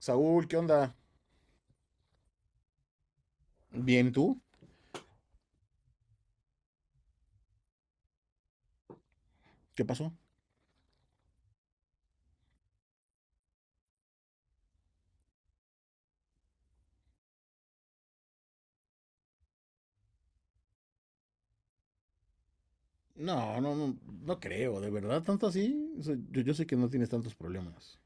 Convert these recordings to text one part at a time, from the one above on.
Saúl, ¿qué onda? Bien, ¿tú? ¿Qué pasó? No, no, no, no creo, de verdad, tanto así. O sea, yo sé que no tienes tantos problemas.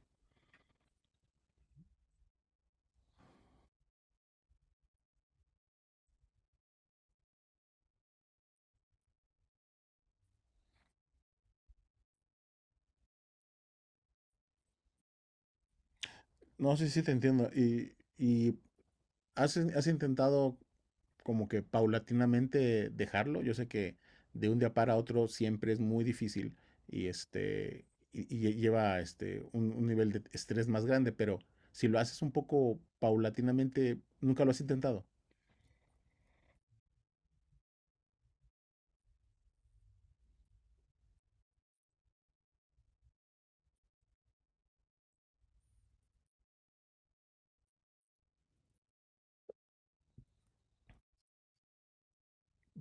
No, sí, sí, te entiendo. ¿Y has intentado como que paulatinamente dejarlo? Yo sé que de un día para otro siempre es muy difícil y y lleva un nivel de estrés más grande, pero si lo haces un poco paulatinamente, nunca lo has intentado.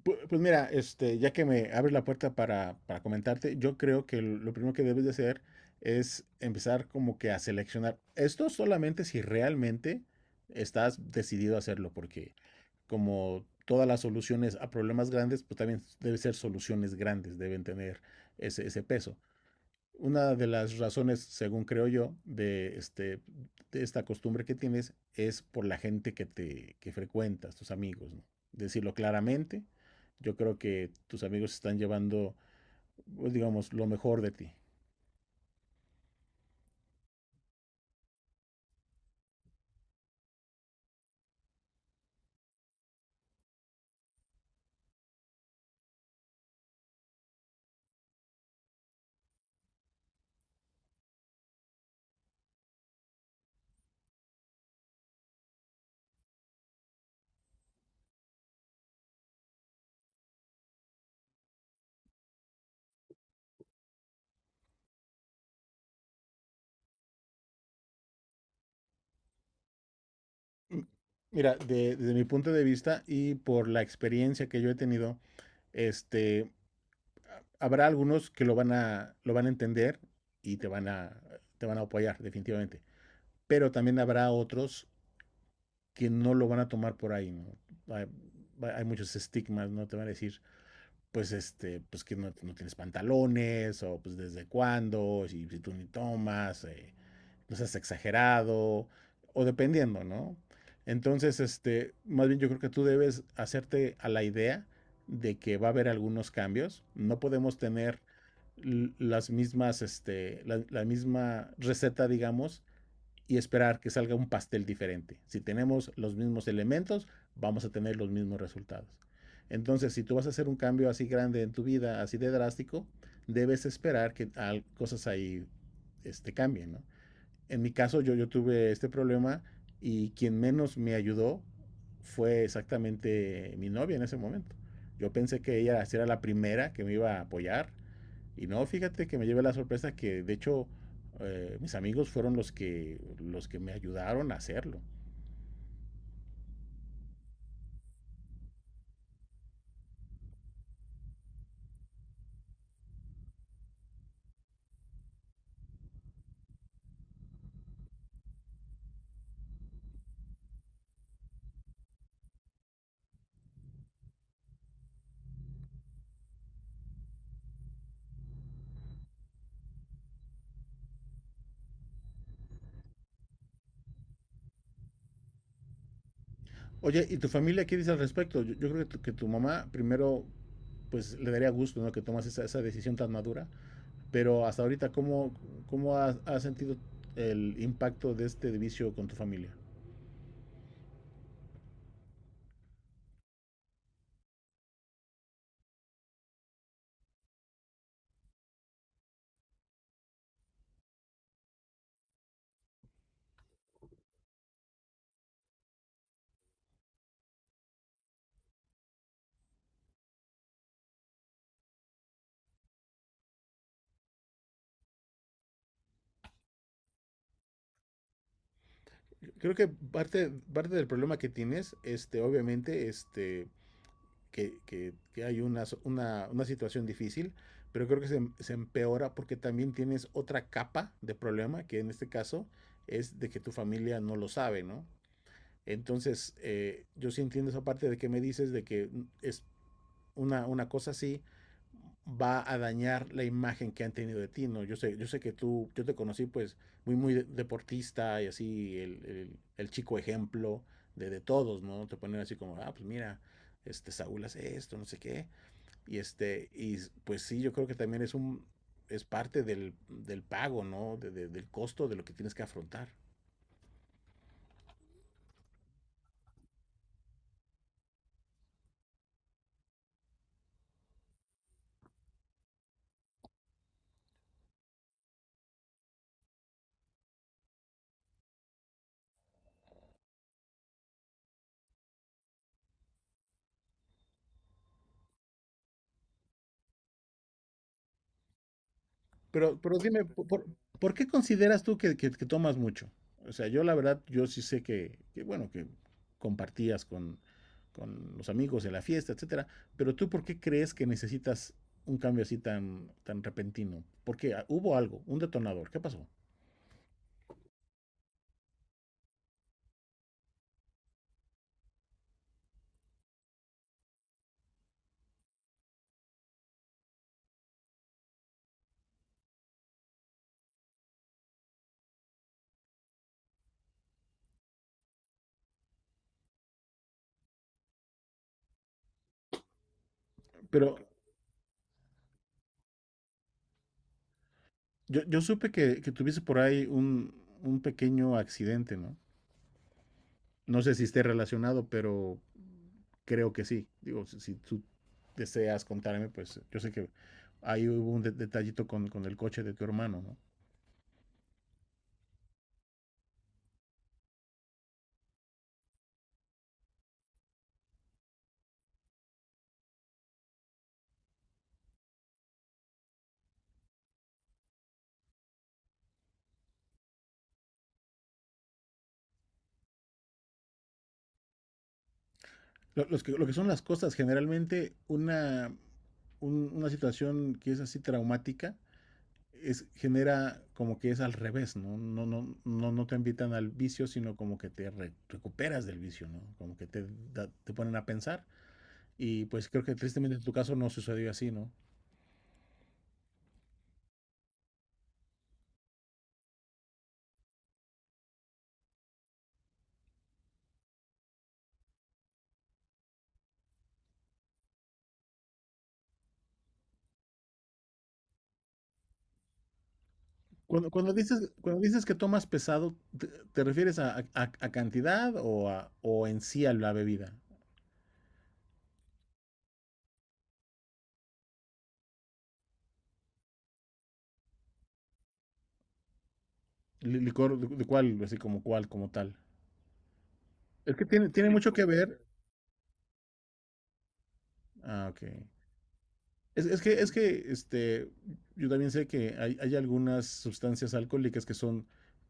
Pues mira, ya que me abres la puerta para comentarte, yo creo que lo primero que debes de hacer es empezar como que a seleccionar. Esto solamente si realmente estás decidido a hacerlo, porque como todas las soluciones a problemas grandes, pues también deben ser soluciones grandes, deben tener ese peso. Una de las razones, según creo yo, de esta costumbre que tienes es por la gente que te que frecuentas, tus amigos, ¿no? Decirlo claramente, yo creo que tus amigos están llevando, pues, digamos, lo mejor de ti. M- Mira, desde mi punto de vista y por la experiencia que yo he tenido, este, habrá algunos que lo van a entender y te van a apoyar, definitivamente. Pero también habrá otros que no lo van a tomar por ahí, ¿no? Hay, hay muchos estigmas, ¿no? Te van a decir, pues, pues que no, no tienes pantalones, o pues desde cuándo, si tú ni tomas, no seas exagerado, o dependiendo, ¿no? Entonces, más bien yo creo que tú debes hacerte a la idea de que va a haber algunos cambios. No podemos tener las mismas, la misma receta, digamos, y esperar que salga un pastel diferente. Si tenemos los mismos elementos, vamos a tener los mismos resultados. Entonces, si tú vas a hacer un cambio así grande en tu vida, así de drástico, debes esperar que cosas ahí cambien, ¿no? En mi caso, yo tuve este problema y quien menos me ayudó fue exactamente mi novia en ese momento. Yo pensé que ella sí era la primera que me iba a apoyar y no, fíjate que me llevé la sorpresa que de hecho mis amigos fueron los que me ayudaron a hacerlo. Oye, ¿y tu familia qué dice al respecto? Yo creo que que tu mamá primero pues le daría gusto, ¿no?, que tomas esa decisión tan madura, pero hasta ahorita, ¿cómo, cómo has sentido el impacto de este vicio con tu familia? Creo que parte del problema que tienes, obviamente, que hay una situación difícil, pero creo que se empeora porque también tienes otra capa de problema, que en este caso es de que tu familia no lo sabe, ¿no? Entonces, yo sí entiendo esa parte de que me dices de que es una cosa así va a dañar la imagen que han tenido de ti, ¿no? Yo sé que tú, yo te conocí pues muy deportista y así el chico ejemplo de todos, ¿no? Te ponen así como, ah, pues mira, este Saúl hace esto, no sé qué, y pues sí, yo creo que también es es parte del pago, ¿no? Del costo de lo que tienes que afrontar. Pero dime, ¿por qué consideras tú que, que tomas mucho? O sea, yo la verdad, yo sí sé que, bueno, que compartías con los amigos de la fiesta, etcétera, pero tú, ¿por qué crees que necesitas un cambio así tan repentino? Porque ah, hubo algo, un detonador, ¿qué pasó? Pero yo supe que tuviste por ahí un pequeño accidente, ¿no? No sé si esté relacionado, pero creo que sí. Digo, si tú deseas contarme, pues yo sé que ahí hubo un de detallito el coche de tu hermano, ¿no? Lo que son las cosas, generalmente una situación que es así traumática es, genera como que es al revés, ¿no? No, no, no, no te invitan al vicio, sino como que te re recuperas del vicio, ¿no? Como que te, da, te ponen a pensar. Y pues creo que tristemente en tu caso no sucedió así, ¿no? Cuando dices que tomas pesado, ¿te refieres a, a cantidad o, a, o en sí a la bebida? ¿Licor de cuál? Así como cuál, como tal. Es que tiene mucho que ver. Ah, ok. Es que yo también sé que hay algunas sustancias alcohólicas que son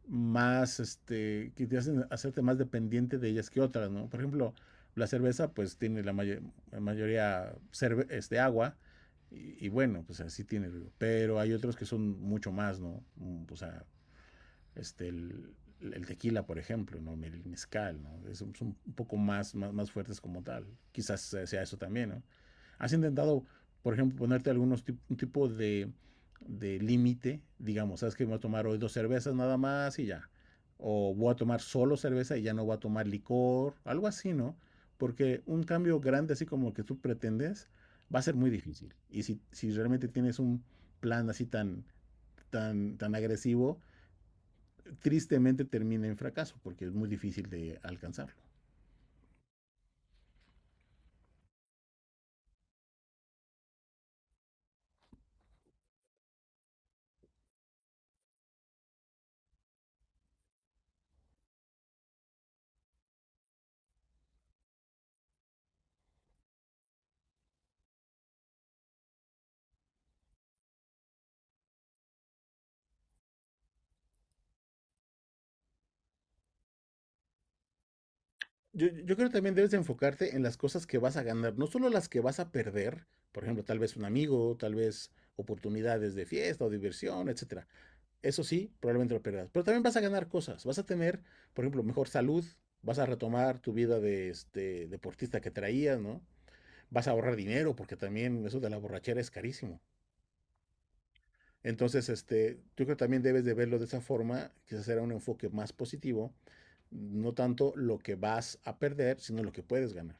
más, que te hacen hacerte más dependiente de ellas que otras, ¿no? Por ejemplo, la cerveza, pues tiene la, la mayoría agua, y bueno, pues así tiene, pero hay otros que son mucho más, ¿no? O sea, este, el, el tequila, por ejemplo, ¿no?, el mezcal, ¿no? Es, son un poco más fuertes como tal. Quizás sea eso también, ¿no? ¿Has intentado, por ejemplo, ponerte algunos tip un tipo de límite? Digamos, ¿sabes que voy a tomar hoy dos cervezas nada más y ya? O voy a tomar solo cerveza y ya no voy a tomar licor, algo así, ¿no? Porque un cambio grande así como el que tú pretendes va a ser muy difícil. Y si realmente tienes un plan así tan agresivo, tristemente termina en fracaso porque es muy difícil de alcanzarlo. Yo creo que también debes de enfocarte en las cosas que vas a ganar, no solo las que vas a perder, por ejemplo, tal vez un amigo, tal vez oportunidades de fiesta o diversión, etcétera. Eso sí, probablemente lo perderás, pero también vas a ganar cosas, vas a tener, por ejemplo, mejor salud, vas a retomar tu vida de este deportista que traías, ¿no? Vas a ahorrar dinero porque también eso de la borrachera es carísimo. Entonces, yo creo que también debes de verlo de esa forma, quizás será un enfoque más positivo, no tanto lo que vas a perder, sino lo que puedes ganar.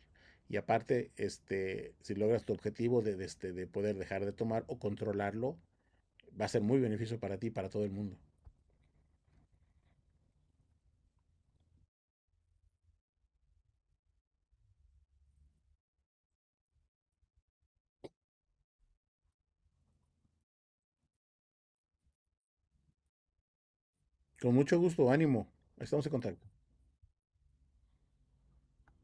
Y aparte, si logras tu objetivo de poder dejar de tomar o controlarlo, va a ser muy beneficio para ti y para todo el mundo. Con mucho gusto, ánimo. Estamos en contacto.